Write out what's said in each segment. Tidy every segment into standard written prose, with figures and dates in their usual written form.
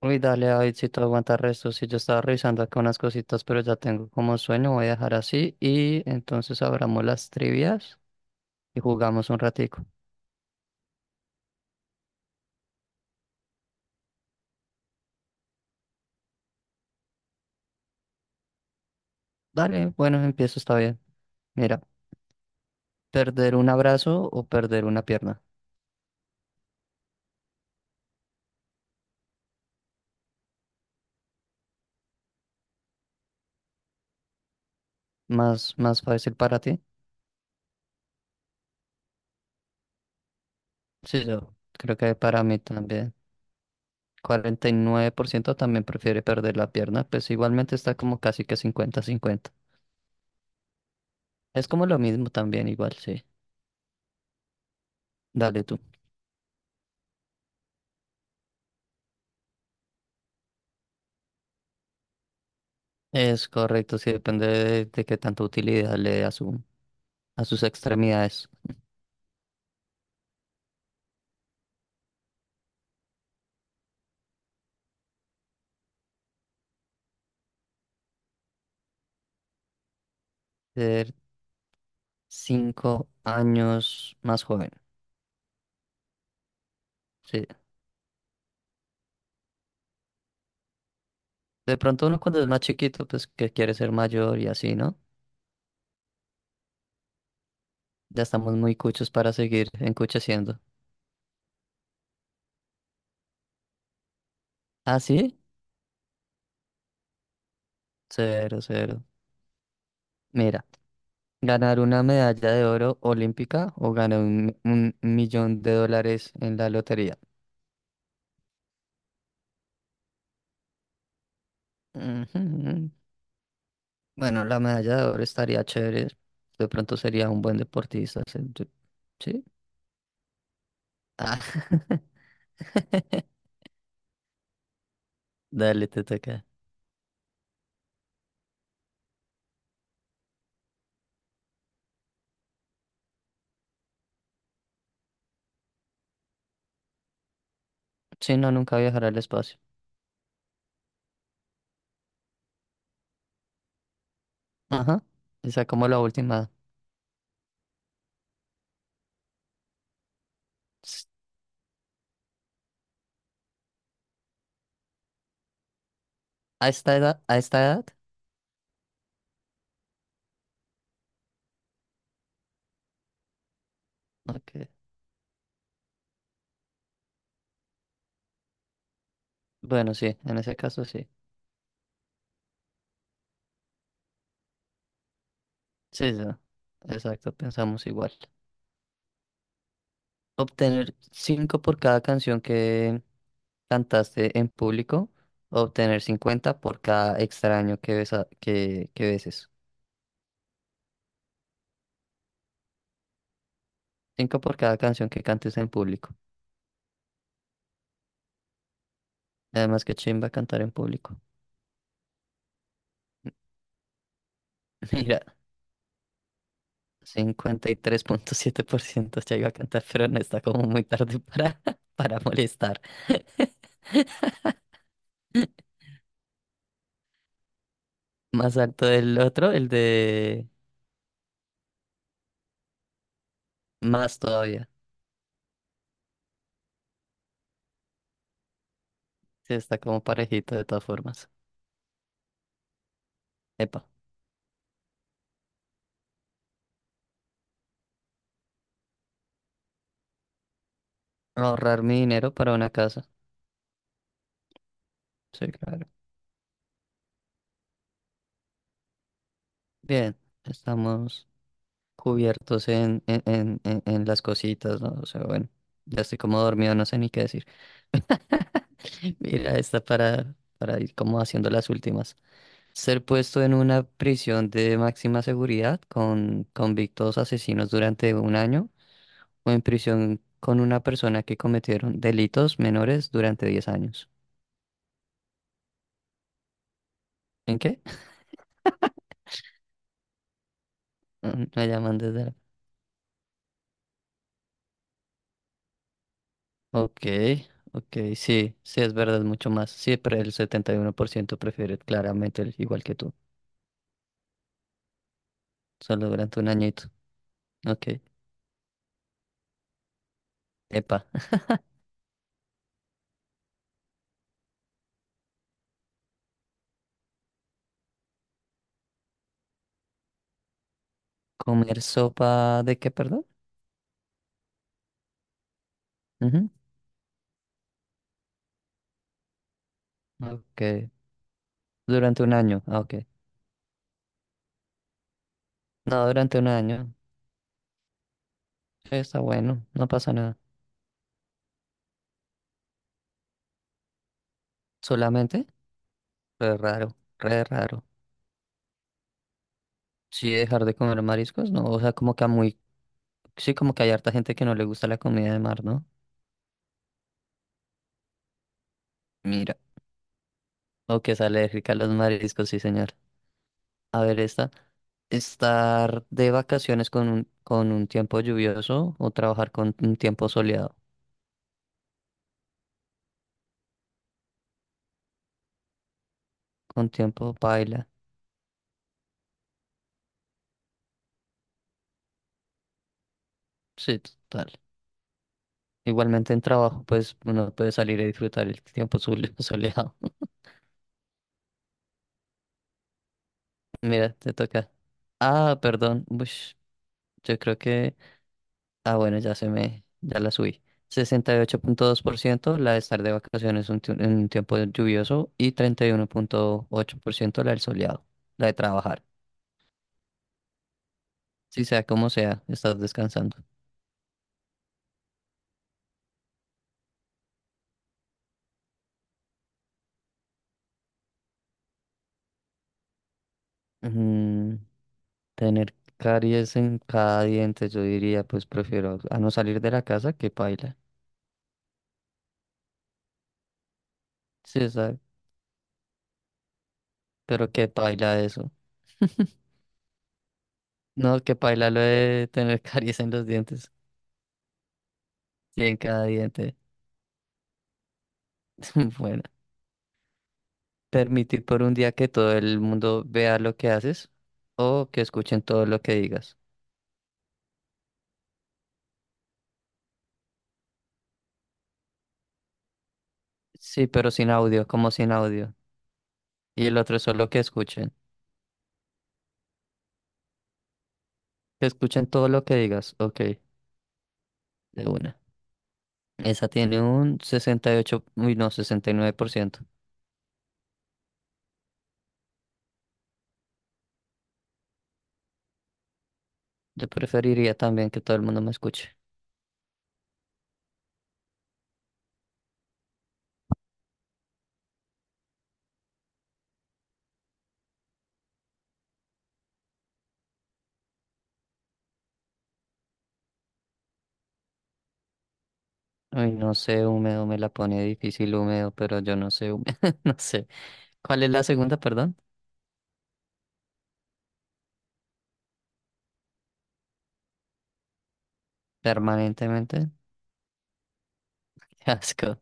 Uy, dale, David, si tú aguantas resto, si yo estaba revisando acá unas cositas, pero ya tengo como sueño, voy a dejar así y entonces abramos las trivias y jugamos un ratico. Dale, bueno, empiezo, está bien. Mira, perder un abrazo o perder una pierna. Más, más fácil para ti. Sí, yo creo que para mí también. 49% también prefiere perder la pierna, pues igualmente está como casi que 50-50. Es como lo mismo también, igual, sí. Dale tú. Es correcto, sí depende de qué tanta utilidad le dé a sus extremidades. Ser 5 años más joven. Sí. De pronto uno cuando es más chiquito, pues que quiere ser mayor y así, ¿no? Ya estamos muy cuchos para seguir encucheciendo. ¿Ah, sí? Cero, cero. Mira, ganar una medalla de oro olímpica o ganar un millón de dólares en la lotería. Ujú. Bueno, la medalla de oro estaría chévere. De pronto sería un buen deportista. Sí. Ah, dale, te toca. Sí, no, nunca viajaré al espacio. Ajá. Esa como la última. S- ¿A esta edad? ¿A esta edad? Ok. Bueno, sí, en ese caso sí. Sí, sí. Exacto, pensamos igual. Obtener cinco por cada canción que cantaste en público. Obtener 50 por cada extraño que beses. Cinco por cada canción que cantes en público. Además, que chimba cantar en público. Mira. 53.7% ya iba a cantar, pero no está como muy tarde para, para molestar. Más alto del otro, el de más todavía. Sí, está como parejito de todas formas. Epa, ahorrar mi dinero para una casa. Sí, claro. Bien, estamos cubiertos en las cositas, ¿no? O sea, bueno, ya estoy como dormido, no sé ni qué decir. Mira, esta para ir como haciendo las últimas. Ser puesto en una prisión de máxima seguridad con convictos asesinos durante un año o en prisión con una persona que cometieron delitos menores durante 10 años. ¿En qué? Me llaman desde la... Ok, ok, sí, sí, es verdad, mucho más. Sí, pero el 71% prefiere claramente el igual que tú, solo durante un añito. Ok, epa. ¿Comer sopa de qué, perdón? Ujú, ok, durante un año, ah, ok. No, durante un año. Está bueno, no pasa nada. Solamente, re raro, re raro. Sí, dejar de comer mariscos, no. O sea, como que a muy. Sí, como que hay harta gente que no le gusta la comida de mar, ¿no? Mira. O que es alérgica a los mariscos, sí, señor. A ver, esta. Estar de vacaciones con un tiempo lluvioso o trabajar con un tiempo soleado. Con tiempo paila. Sí, total. Igualmente en trabajo, pues uno puede salir a disfrutar el tiempo soleado. Mira, te toca. Ah, perdón. Ush, yo creo que. Ah, bueno, ya la subí. 68.2% la de estar de vacaciones un en un tiempo lluvioso y 31.8% la del soleado, la de trabajar. Si sea como sea, estás descansando. Mm, tener caries en cada diente, yo diría, pues prefiero a no salir de la casa que paila. Sí, pero que paila eso. No, que paila lo de tener caries en los dientes. Sí, en cada diente. Bueno. Permitir por un día que todo el mundo vea lo que haces o que escuchen todo lo que digas. Sí, pero sin audio, como sin audio. Y el otro es solo que escuchen. Que escuchen todo lo que digas. Ok, de una. Esa tiene un 68, uy no, 69%. Yo preferiría también que todo el mundo me escuche. Uy, no sé, húmedo me la pone difícil, húmedo, pero yo no sé, húmedo, no sé. ¿Cuál es la segunda, perdón? Permanentemente. Qué asco,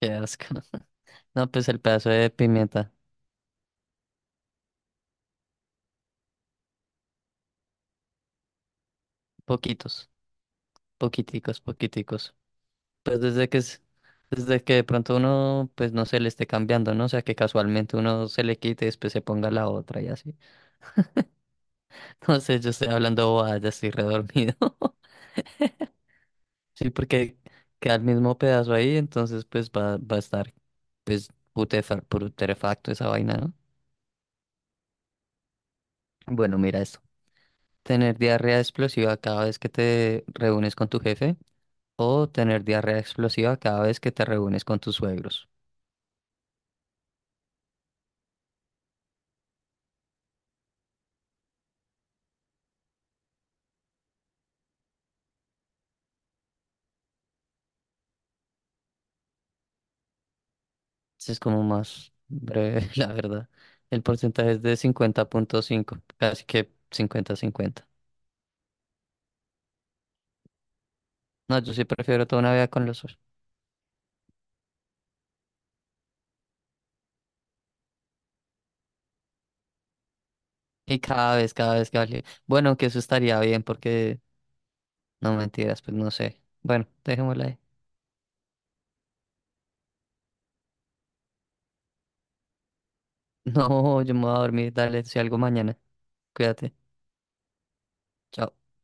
qué asco. No, pues el pedazo de pimienta. Poquitos. Poquiticos, poquiticos. Pues desde que de pronto uno, pues no se le esté cambiando, ¿no? O sea, que casualmente uno se le quite y después se ponga la otra y así. No sé, yo estoy hablando bobadas, ya estoy redormido. Sí, porque queda el mismo pedazo ahí, entonces pues va, a estar, pues, putrefacto esa vaina, ¿no? Bueno, mira esto. Tener diarrea explosiva cada vez que te reúnes con tu jefe o tener diarrea explosiva cada vez que te reúnes con tus suegros. Sí, es como más breve, la verdad. El porcentaje es de 50.5, casi que cincuenta cincuenta. No, yo sí prefiero toda una vida con los ojos. Y cada vez que vale. Bueno, que eso estaría bien porque, no mentiras, pues no sé. Bueno, dejémosla ahí. No, yo me voy a dormir. Dale, si algo mañana. Cuídate. Chao.